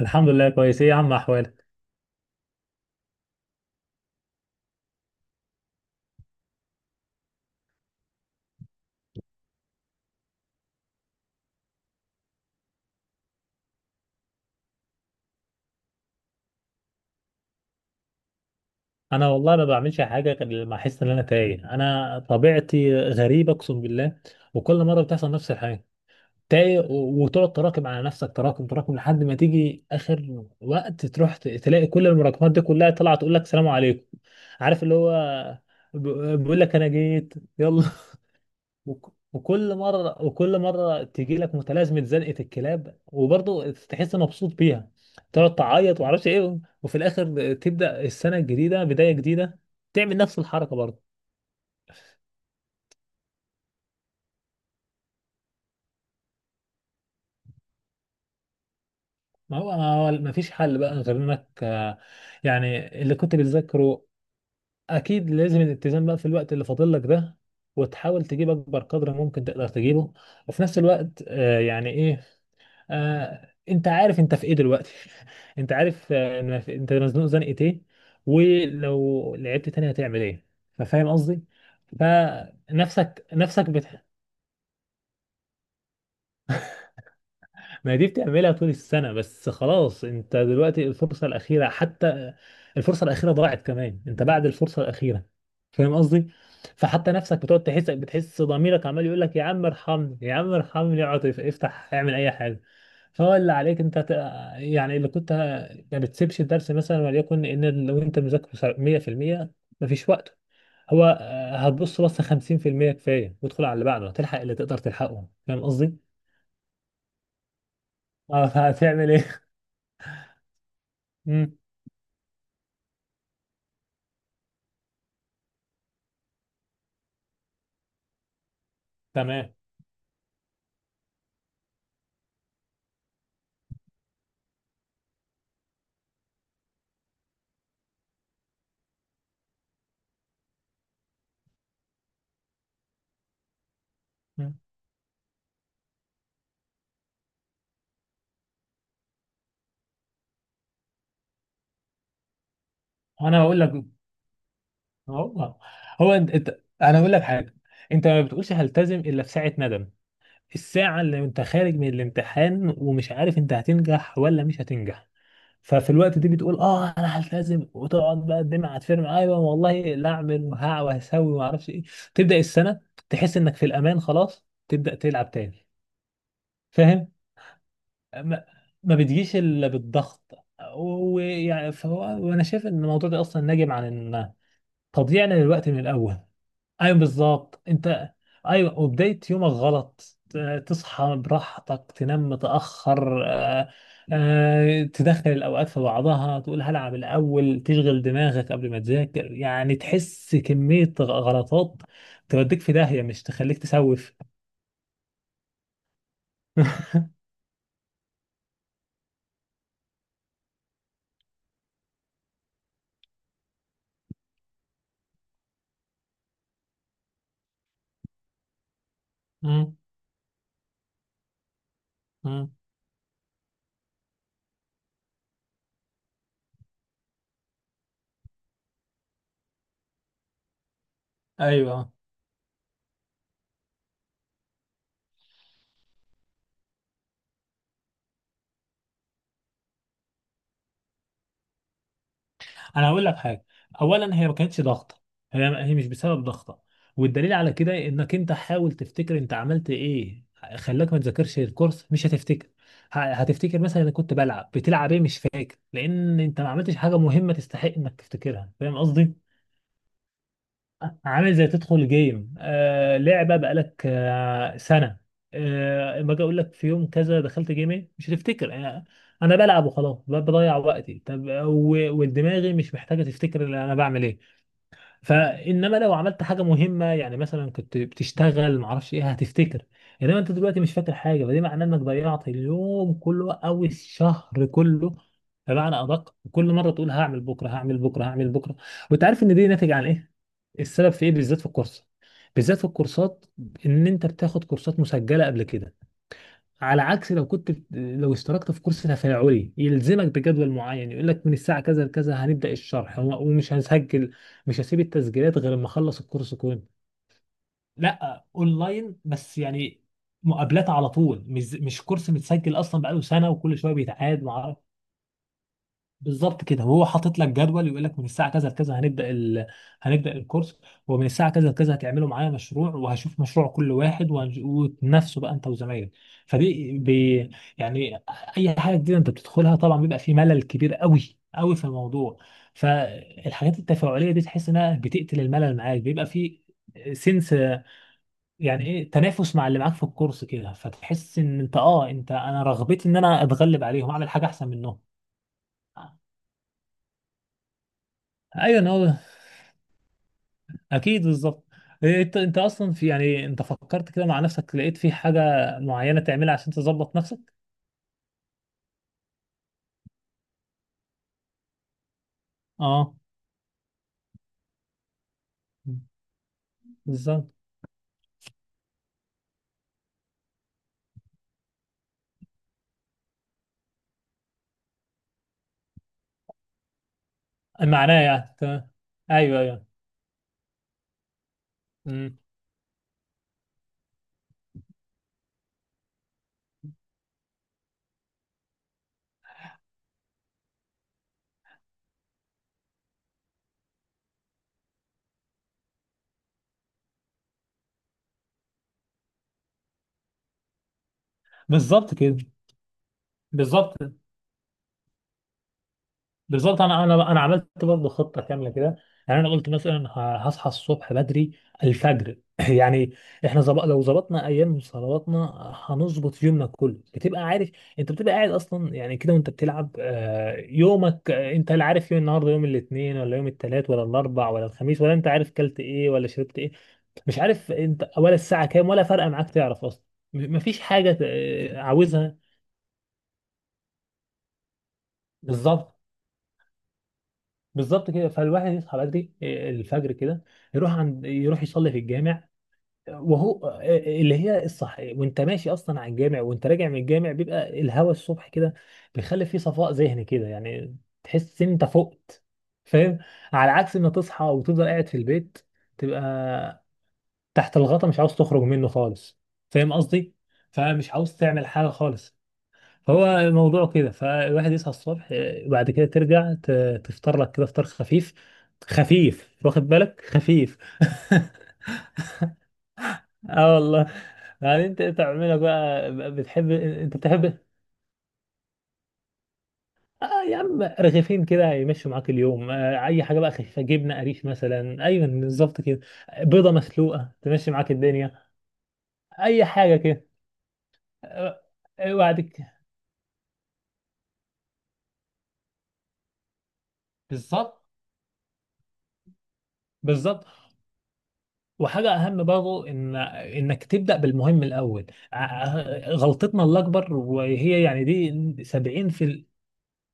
الحمد لله، كويس. ايه يا عم احوالك؟ انا والله ما بعملش حاجه غير لما احس ان انا تايه. انا طبيعتي غريبه، اقسم بالله. وكل مره بتحصل نفس الحاجه. تايه وتقعد تراكم على نفسك، تراكم تراكم، لحد ما تيجي اخر وقت تروح تلاقي كل المراكمات دي كلها طالعه تقول لك سلام عليكم. عارف اللي هو ب- بيقول لك انا جيت، يلا. وكل مرة وكل مرة تيجي لك متلازمة زنقة الكلاب، وبرضه تحس مبسوط بيها. تقعد تعيط ومعرفش ايه، وفي الآخر تبدأ السنة الجديدة بداية جديدة، تعمل نفس الحركة برضه. ما فيش حل بقى غير انك يعني اللي كنت بتذاكره اكيد لازم الالتزام بقى في الوقت اللي فاضل لك ده. وتحاول تجيب اكبر قدر ممكن تقدر تجيبه. وفي نفس الوقت يعني ايه، انت عارف انت في ايه دلوقتي. انت عارف انت مزنوق زنقة ايه؟ ولو لعبت تاني هتعمل ايه؟ ففاهم قصدي. فنفسك بت... ما دي بتعملها طول السنة. بس خلاص، انت دلوقتي الفرصة الأخيرة، حتى الفرصة الأخيرة ضاعت كمان، انت بعد الفرصة الأخيرة. فاهم قصدي؟ فحتى نفسك بتقعد تحس، بتحس ضميرك عمال يقول لك يا عم ارحمني، يا عم ارحمني، اقعد افتح، اعمل اي حاجة. فهو اللي عليك انت ت... يعني اللي ما بتسيبش الدرس مثلا، وليكن ان لو انت مذاكر 100%، مفيش وقت، هو هتبص بصة 50% كفاية وادخل على اللي بعده، هتلحق اللي تقدر تلحقه. فاهم قصدي؟ اه، فهتعمل ايه؟ تمام. مم. انا هقول لك. هو انا هقول لك حاجه. انت ما بتقولش هلتزم الا في ساعه ندم، الساعه اللي انت خارج من الامتحان ومش عارف انت هتنجح ولا مش هتنجح. ففي الوقت دي بتقول اه انا هلتزم، وتقعد بقى الدمعه هتفرم، ايوه والله لا اعمل وهع وهسوي وما اعرفش ايه. تبدا السنه، تحس انك في الامان، خلاص تبدا تلعب تاني. فاهم؟ ما, ما بتجيش الا بالضغط. ويعني فهو، وانا شايف ان الموضوع ده اصلا ناجم عن تضييعنا للوقت من الاول. ايوه بالظبط، انت ايوه. وبدايه يومك غلط، تصحى براحتك، تنام متاخر، تدخل الاوقات في بعضها، تقول هلعب الاول، تشغل دماغك قبل ما تذاكر، يعني تحس كميه غلطات توديك في داهيه، مش تخليك تسوف. مم. مم. ايوه، انا هقول لك حاجه. اولا هي ما كانتش ضغطه. هي مش بسبب ضغطه. والدليل على كده انك انت حاول تفتكر انت عملت ايه خلاك ما تذاكرش الكورس، مش هتفتكر. هتفتكر مثلا انا كنت بلعب، بتلعب ايه مش فاكر، لان انت ما عملتش حاجه مهمه تستحق انك تفتكرها، فاهم قصدي؟ عامل زي تدخل جيم لعبة بقالك سنة، اما اجي اقول لك في يوم كذا دخلت جيم ايه، مش هتفتكر. انا أنا بلعب وخلاص، بضيع وقتي. طب ودماغي مش محتاجة تفتكر اللي انا بعمل ايه. فانما لو عملت حاجه مهمه، يعني مثلا كنت بتشتغل معرفش ايه، هتفتكر. انما انت دلوقتي مش فاكر حاجه، فده معناه انك ضيعت اليوم كله او الشهر كله. بمعنى ادق، كل مره تقول هعمل بكره، هعمل بكره، هعمل بكره. وانت عارف ان دي ناتج عن ايه؟ السبب في ايه بالذات في الكورس، بالذات في الكورسات، ان انت بتاخد كورسات مسجله قبل كده، على عكس لو لو اشتركت في كورس تفاعلي يلزمك بجدول معين، يقول لك من الساعة كذا لكذا هنبدأ الشرح، ومش هنسجل. مش هسيب التسجيلات غير ما اخلص الكورس كله. لا، اونلاين بس يعني، مقابلات على طول، مش كورس متسجل اصلا بقاله سنة وكل شوية بيتعاد. بالظبط كده. وهو حاطط لك جدول، يقول لك من الساعه كذا لكذا هنبدا ال... هنبدا الكورس، ومن الساعه كذا لكذا هتعملوا معايا مشروع، وهشوف مشروع كل واحد وتنافسوا بقى انت وزمايلك. فدي ب... يعني، اي حاجه جديده انت بتدخلها طبعا بيبقى في ملل كبير قوي قوي في الموضوع، فالحاجات التفاعليه دي تحس انها بتقتل الملل، معاك بيبقى في سنس، يعني ايه تنافس مع اللي معاك في الكورس كده، فتحس ان انت اه، انا رغبتي ان انا اتغلب عليهم، اعمل حاجه احسن منهم. ايوه، إن هو اكيد، بالظبط. إيه، انت اصلا في، يعني انت فكرت كده مع نفسك، لقيت في حاجه معينه تعملها عشان تظبط نفسك؟ اه، بالظبط. معناه يعني تمام، ايوه ايوه. أمم. بالظبط كده. بالظبط. بالظبط، انا عملت برضه خطه كامله كده. يعني انا قلت مثلا هصحى الصبح بدري، الفجر. يعني احنا زب... لو ظبطنا ايام صلواتنا هنظبط يومنا كله. بتبقى عارف، انت بتبقى قاعد اصلا يعني كده وانت بتلعب، يومك، انت لا عارف يوم النهارده يوم الاثنين ولا يوم الثلاث ولا الاربع ولا الخميس، ولا انت عارف كلت ايه ولا شربت ايه، مش عارف انت ولا الساعه كام ولا فارقه معاك تعرف اصلا. مفيش حاجه عاوزها. بالظبط. بالظبط كده. فالواحد يصحى بدري، الفجر كده، يروح يصلي في الجامع، وهو اللي هي الصح. وانت ماشي اصلا على الجامع وانت راجع من الجامع، بيبقى الهوا الصبح كده بيخلي فيه صفاء ذهني كده يعني، تحس ان انت فقت. فاهم؟ على عكس ما تصحى وتفضل قاعد في البيت، تبقى تحت الغطا مش عاوز تخرج منه خالص. فاهم قصدي؟ فمش عاوز تعمل حاجة خالص. هو الموضوع كده. فالواحد يصحى الصبح، وبعد كده ترجع تفطر لك كده فطار خفيف، خفيف واخد بالك، خفيف. اه والله. يعني انت تعملها بقى، بتحب انت بتحب. اه يا عم، رغيفين كده يمشوا معاك اليوم، اي حاجه بقى خفيفه، جبنه قريش مثلا، ايوه بالظبط كده. بيضه مسلوقه تمشي معاك الدنيا. اي حاجه كده. آه، وبعد كده بالظبط. بالظبط. وحاجة أهم برضو، إن إنك تبدأ بالمهم الأول. غلطتنا الأكبر، وهي يعني دي سبعين في ال...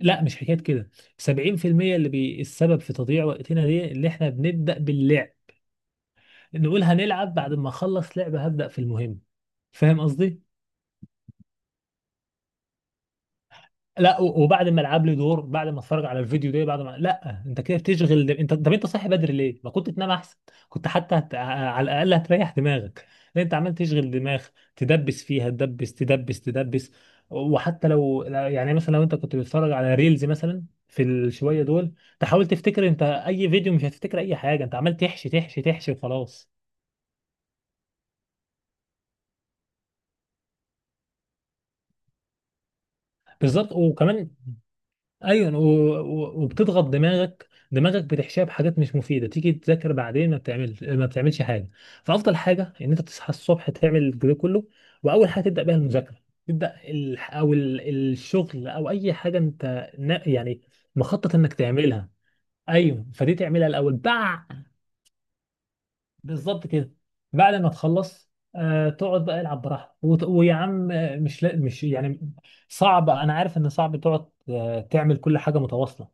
لا مش حكاية كده، 70%، اللي بي... السبب في تضييع وقتنا، دي اللي إحنا بنبدأ باللعب، نقول هنلعب بعد ما أخلص لعبة هبدأ في المهم. فاهم قصدي؟ لا وبعد ما العب لي دور، بعد ما اتفرج على الفيديو ده، بعد ما لا، انت كده بتشغل، انت طب انت صاحي بدري ليه؟ ما كنت تنام احسن، كنت حتى هت... على الاقل هتريح دماغك. لان انت عمال تشغل دماغ، تدبس فيها، تدبس تدبس تدبس. وحتى لو يعني مثلا لو انت كنت بتتفرج على ريلز مثلا في الشويه دول، تحاول تفتكر انت اي فيديو، مش هتفتكر اي حاجه، انت عمال تحشي تحشي تحشي وخلاص. بالظبط وكمان، ايوه وبتضغط دماغك، دماغك بتحشيها بحاجات مش مفيده، تيجي تذاكر بعدين ما بتعملش ما بتعملش حاجه. فافضل حاجه ان انت تصحى الصبح، تعمل الجو كله، واول حاجه تبدا بيها المذاكره، تبدا ال... او ال... الشغل، او اي حاجه انت يعني مخطط انك تعملها. ايوه، فدي تعملها الاول. بعد بالظبط كده، بعد ما تخلص تقعد بقى العب براحتك، ويا عم، مش يعني صعب، انا عارف ان صعب تقعد تعمل كل حاجه متواصله.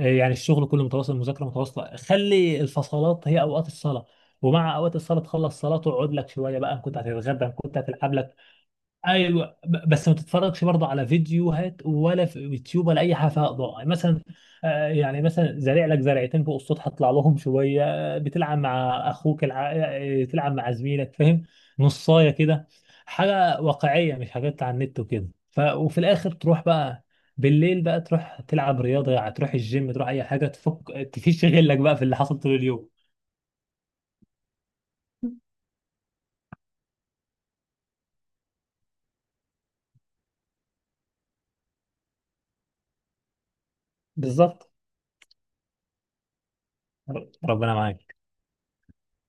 يعني الشغل كله متواصل، المذاكره متواصله، خلي الفصلات هي اوقات الصلاه. ومع اوقات الصلاه، تخلص صلاه تقعد لك شويه بقى، إن كنت هتتغدى إن كنت هتلعب لك. ايوه بس ما تتفرجش برضه على فيديوهات، ولا في يوتيوب، ولا اي حاجه فيها اضاءه. يعني مثلا، يعني مثلا زارع لك زرعتين فوق السطح اطلع لهم شويه، بتلعب مع اخوك، الع... آه، تلعب مع زميلك. فاهم؟ نصايه كده، حاجه واقعيه، مش حاجات على النت وكده. ف... وفي الاخر تروح بقى بالليل بقى، تروح تلعب رياضه، يعني تروح الجيم، تروح اي حاجه تفك تفيش غلك بقى في اللي حصل طول اليوم. بالظبط. ربنا معاك.